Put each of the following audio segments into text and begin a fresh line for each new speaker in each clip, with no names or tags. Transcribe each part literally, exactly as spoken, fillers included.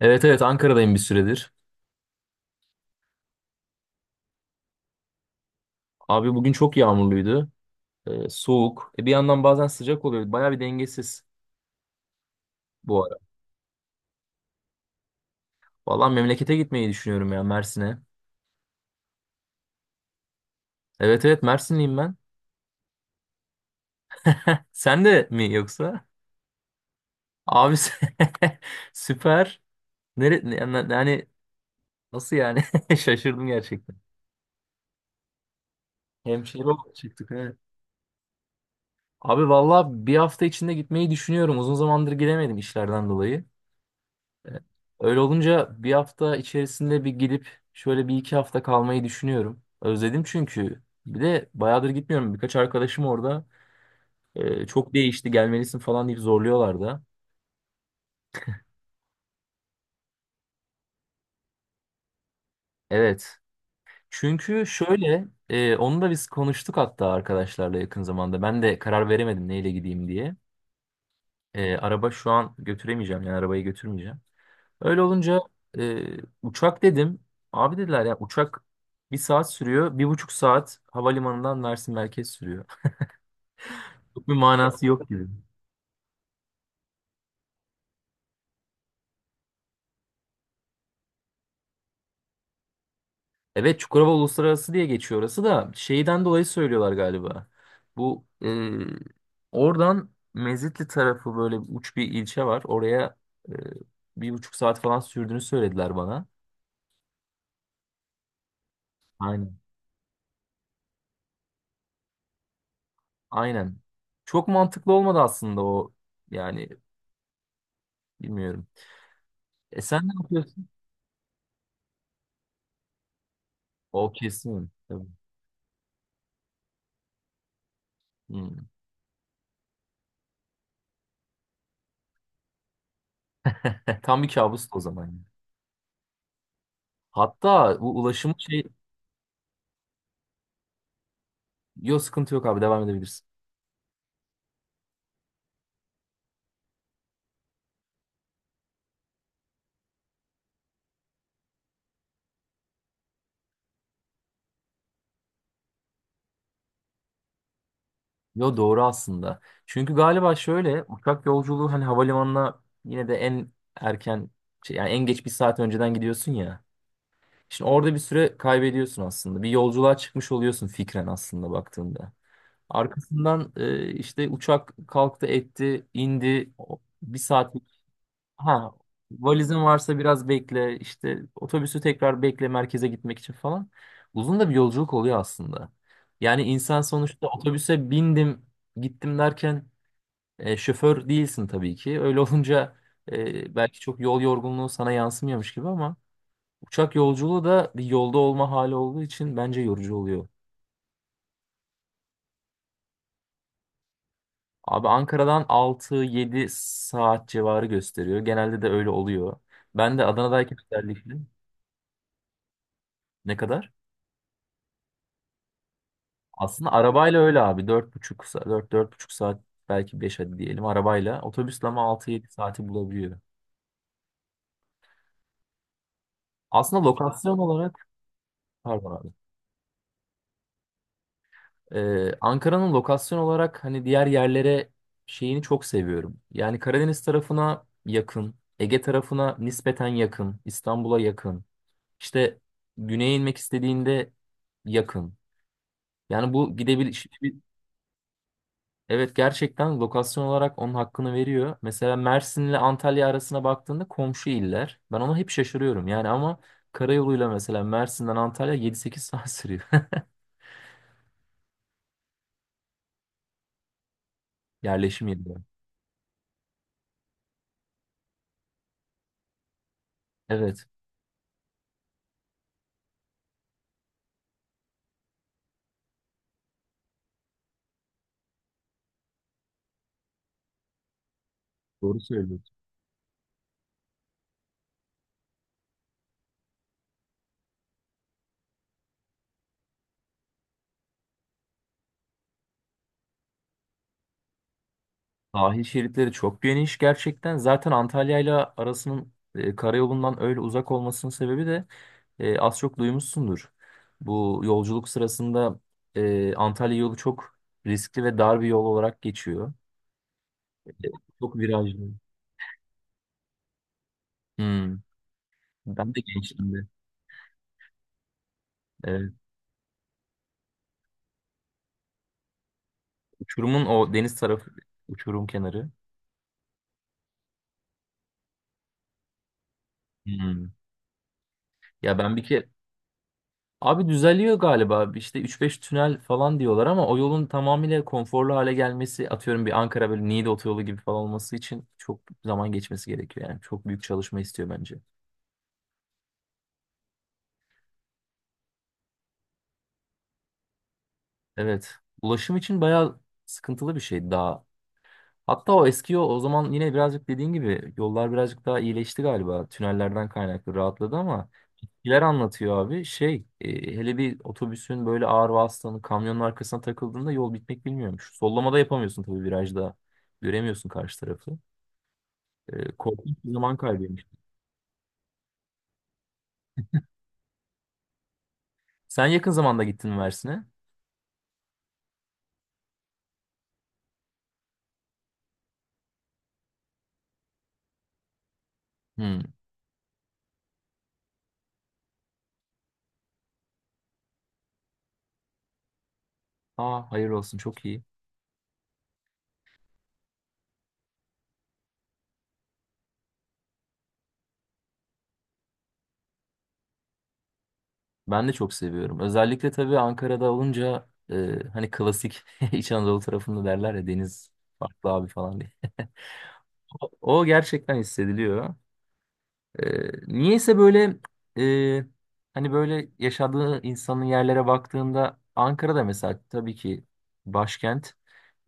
Evet, evet, Ankara'dayım bir süredir. Abi bugün çok yağmurluydu. Ee, soğuk. E, bir yandan bazen sıcak oluyor. Baya bir dengesiz bu ara. Valla memlekete gitmeyi düşünüyorum ya Mersin'e. Evet, evet, Mersinliyim ben. Sen de mi yoksa? Abi sen- süper. Nere ne- yani, yani nasıl yani? Şaşırdım gerçekten. Hemşire olarak çıktık evet. Abi valla bir hafta içinde gitmeyi düşünüyorum. Uzun zamandır gidemedim işlerden dolayı. Ee, Öyle olunca bir hafta içerisinde bir gidip şöyle bir iki hafta kalmayı düşünüyorum. Özledim çünkü. Bir de bayağıdır gitmiyorum. Birkaç arkadaşım orada e, çok değişti gelmelisin falan deyip zorluyorlar da. Evet. Çünkü şöyle e, onu da biz konuştuk hatta arkadaşlarla yakın zamanda. Ben de karar veremedim neyle gideyim diye. E, araba şu an götüremeyeceğim yani arabayı götürmeyeceğim. Öyle olunca e, uçak dedim. Abi dediler ya uçak bir saat sürüyor. Bir buçuk saat havalimanından Mersin merkez sürüyor. Çok bir manası yok gibi. Evet, Çukurova Uluslararası diye geçiyor orası da şeyden dolayı söylüyorlar galiba. Bu e, oradan Mezitli tarafı böyle uç bir ilçe var. Oraya e, bir buçuk saat falan sürdüğünü söylediler bana. Aynen. Aynen. Çok mantıklı olmadı aslında o yani bilmiyorum. E sen ne yapıyorsun? O kesin. Tabii. Hmm. Tam bir kabustu o zaman, yani. Hatta bu ulaşım şey... Yok, sıkıntı yok abi, devam edebilirsin. Yo, doğru aslında. Çünkü galiba şöyle uçak yolculuğu hani havalimanına yine de en erken şey, yani en geç bir saat önceden gidiyorsun ya. Şimdi orada bir süre kaybediyorsun aslında. Bir yolculuğa çıkmış oluyorsun fikren aslında baktığında. Arkasından e, işte uçak kalktı etti indi O- bir saat. Ha, valizin varsa biraz bekle, işte otobüsü tekrar bekle merkeze gitmek için falan. Uzun da bir yolculuk oluyor aslında. Yani insan sonuçta otobüse bindim, gittim derken e, şoför değilsin tabii ki. Öyle olunca e, belki çok yol yorgunluğu sana yansımıyormuş gibi ama uçak yolculuğu da bir yolda olma hali olduğu için bence yorucu oluyor. Abi Ankara'dan altı yedi saat civarı gösteriyor. Genelde de öyle oluyor. Ben de Adana'dayken özellikle ne kadar? Aslında arabayla öyle abi. Dört buçuk saat, dört dört buçuk saat belki beş hadi diyelim arabayla. Otobüsle ama altı yedi saati bulabiliyor. Aslında lokasyon olarak pardon abi. Ee, Ankara'nın lokasyon olarak hani diğer yerlere şeyini çok seviyorum. Yani Karadeniz tarafına yakın, Ege tarafına nispeten yakın, İstanbul'a yakın. İşte güneye inmek istediğinde yakın. Yani bu gidebilir. Evet, gerçekten lokasyon olarak onun hakkını veriyor. Mesela Mersin'le Antalya arasına baktığında komşu iller. Ben ona hep şaşırıyorum. Yani ama karayoluyla mesela Mersin'den Antalya yedi sekiz saat sürüyor. Yerleşim yeri. Evet. Doğru söylüyorsun. Sahil şeritleri çok geniş gerçekten. Zaten Antalya'yla arasının e, karayolundan öyle uzak olmasının sebebi de e, az çok duymuşsundur. Bu yolculuk sırasında e, Antalya yolu çok riskli ve dar bir yol olarak geçiyor. E, Çok virajlı. Hmm. Ben de gençliğimde. Evet. Uçurumun o deniz tarafı, uçurum kenarı. Hmm. Ya ben bir kere... Abi düzeliyor galiba. İşte üç beş tünel falan diyorlar ama o yolun tamamıyla konforlu hale gelmesi, atıyorum bir Ankara böyle Niğde otoyolu gibi falan olması için çok zaman geçmesi gerekiyor. Yani çok büyük çalışma istiyor bence. Evet. Ulaşım için bayağı sıkıntılı bir şey daha. Hatta o eski yol o zaman yine birazcık dediğin gibi yollar birazcık daha iyileşti galiba. Tünellerden kaynaklı rahatladı ama neler anlatıyor abi? Şey, e, hele bir otobüsün böyle ağır vasıtanın kamyonun arkasına takıldığında yol bitmek bilmiyormuş. Sollamada yapamıyorsun tabii virajda. Göremiyorsun karşı tarafı. E, korkunç bir zaman kaybıymış. Sen yakın zamanda gittin mi Mersin'e? Hmm. Aa, hayır olsun çok iyi. Ben de çok seviyorum. Özellikle tabii Ankara'da olunca e, hani klasik İç Anadolu tarafında derler ya deniz farklı abi falan diye. O, o gerçekten hissediliyor. Ee, niyeyse böyle e, hani böyle yaşadığı insanın yerlere baktığında Ankara'da mesela tabii ki başkent.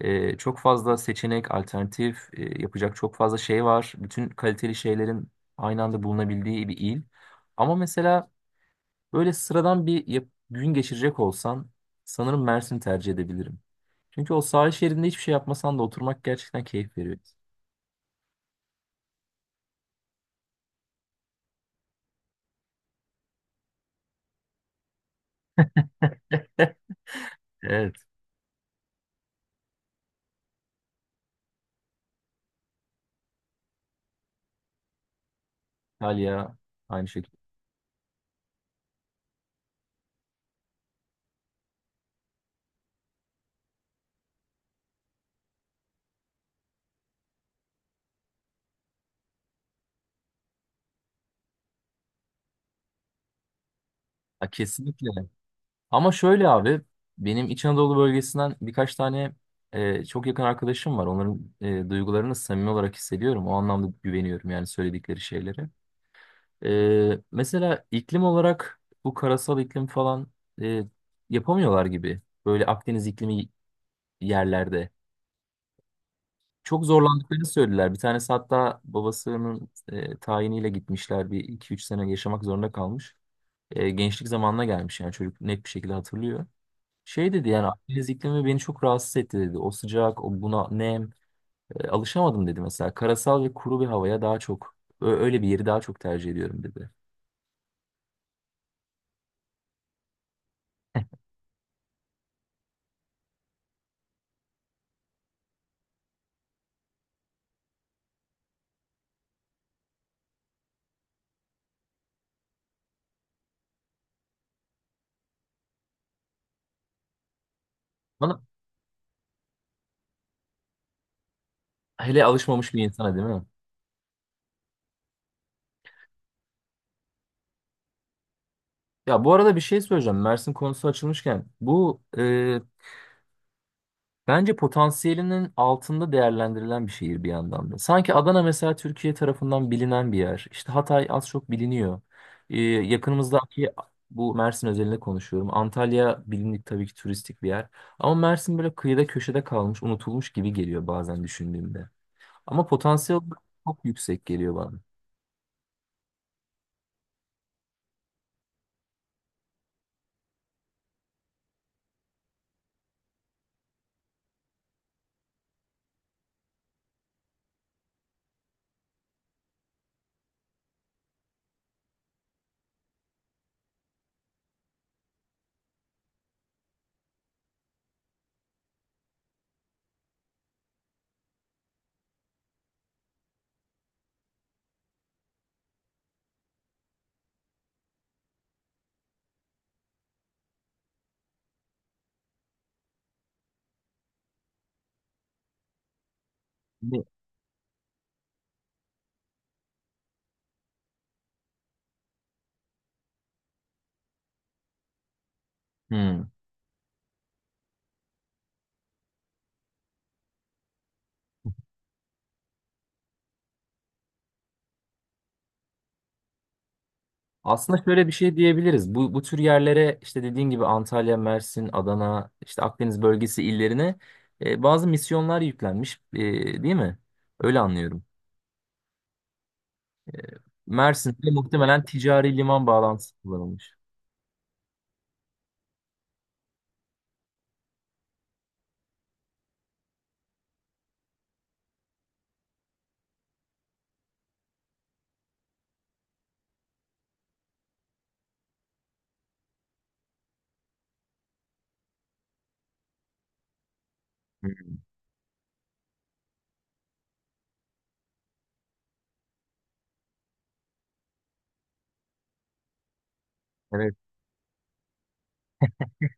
Ee, çok fazla seçenek, alternatif e, yapacak çok fazla şey var. Bütün kaliteli şeylerin aynı anda bulunabildiği bir il. Ama mesela böyle sıradan bir yap- gün geçirecek olsan sanırım Mersin'i tercih edebilirim. Çünkü o sahil şeridinde hiçbir şey yapmasan da oturmak gerçekten keyif veriyor. Evet, Antalya aynı şekilde. Ha, kesinlikle. Ama şöyle abi benim İç Anadolu bölgesinden birkaç tane e, çok yakın arkadaşım var. Onların e, duygularını samimi olarak hissediyorum. O anlamda güveniyorum yani söyledikleri şeylere. E, mesela iklim olarak bu karasal iklim falan e, yapamıyorlar gibi. Böyle Akdeniz iklimi yerlerde. Çok zorlandıklarını söylediler. Bir tanesi hatta babasının e, tayiniyle gitmişler. Bir iki üç sene yaşamak zorunda kalmış. E, gençlik zamanına gelmiş yani çocuk net bir şekilde hatırlıyor. Şey dedi yani Akdeniz iklimi beni çok rahatsız etti dedi. O sıcak, o buna nem, e, alışamadım dedi mesela. Karasal ve kuru bir havaya daha çok, ö- öyle bir yeri daha çok tercih ediyorum dedi. Bana hele alışmamış bir insana değil mi? Ya bu arada bir şey söyleyeceğim. Mersin konusu açılmışken bu. Bence potansiyelinin altında değerlendirilen bir şehir bir yandan da. Sanki Adana mesela Türkiye tarafından bilinen bir yer. İşte Hatay az çok biliniyor. Ee, yakınımızdaki bu Mersin özelinde konuşuyorum. Antalya bilindik tabii ki turistik bir yer. Ama Mersin böyle kıyıda köşede kalmış, unutulmuş gibi geliyor bazen düşündüğümde. Ama potansiyel olarak çok yüksek geliyor bana. Ne? Hmm. Aslında şöyle bir şey diyebiliriz. Bu, bu tür yerlere işte dediğin gibi Antalya, Mersin, Adana, işte Akdeniz bölgesi illerine e, bazı misyonlar yüklenmiş, e, değil mi? Öyle anlıyorum. Mersin'de muhtemelen ticari liman bağlantısı kullanılmış. Hmm, evet.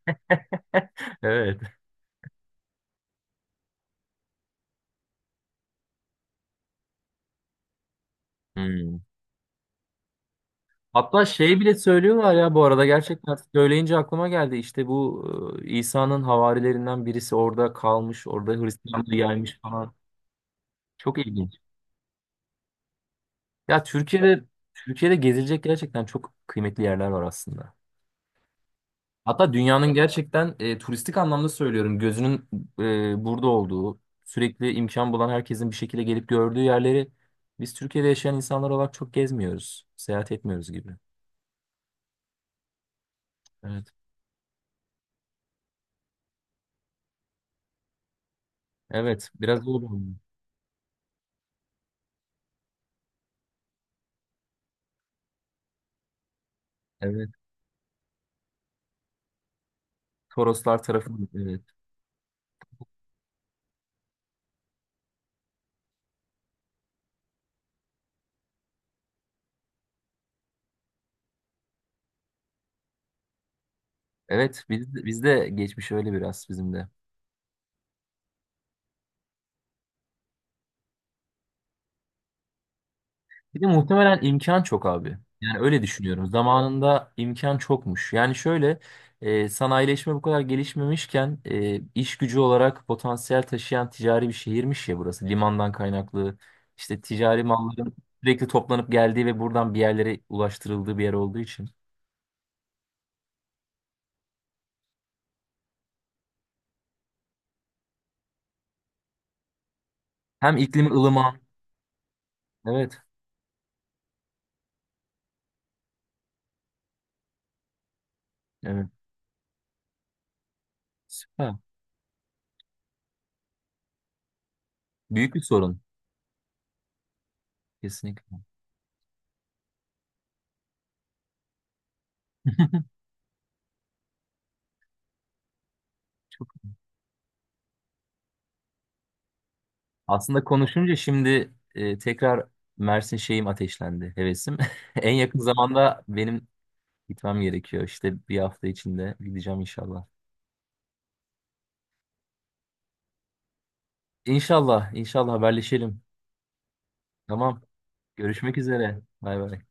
Evet. Hmm. Hatta şey bile söylüyorlar ya bu arada gerçekten söyleyince aklıma geldi. İşte bu e, İsa'nın havarilerinden birisi orada kalmış, orada Hristiyanlığı yaymış falan. Çok ilginç. Ya Türkiye'de Türkiye'de gezilecek gerçekten çok kıymetli yerler var aslında. Hatta dünyanın gerçekten e, turistik anlamda söylüyorum gözünün e, burada olduğu, sürekli imkan bulan herkesin bir şekilde gelip gördüğü yerleri biz Türkiye'de yaşayan insanlar olarak çok gezmiyoruz, seyahat etmiyoruz gibi. Evet. Evet, biraz öyle oldu. Evet. Toroslar tarafı. Evet. Evet, biz, biz de geçmiş öyle biraz bizim de. Bir de muhtemelen imkan çok abi. Yani öyle düşünüyorum. Zamanında imkan çokmuş. Yani şöyle e, sanayileşme bu kadar gelişmemişken e, iş gücü olarak potansiyel taşıyan ticari bir şehirmiş ya burası. Limandan kaynaklı işte ticari malların sürekli toplanıp geldiği ve buradan bir yerlere ulaştırıldığı bir yer olduğu için. Hem iklimi ılıman. Evet. Evet. Süper. Büyük bir sorun. Kesinlikle. Aslında konuşunca şimdi e, tekrar Mersin şeyim ateşlendi, hevesim. En yakın zamanda benim gitmem gerekiyor. İşte bir hafta içinde gideceğim inşallah. İnşallah, inşallah haberleşelim. Tamam, görüşmek üzere. Bay bay.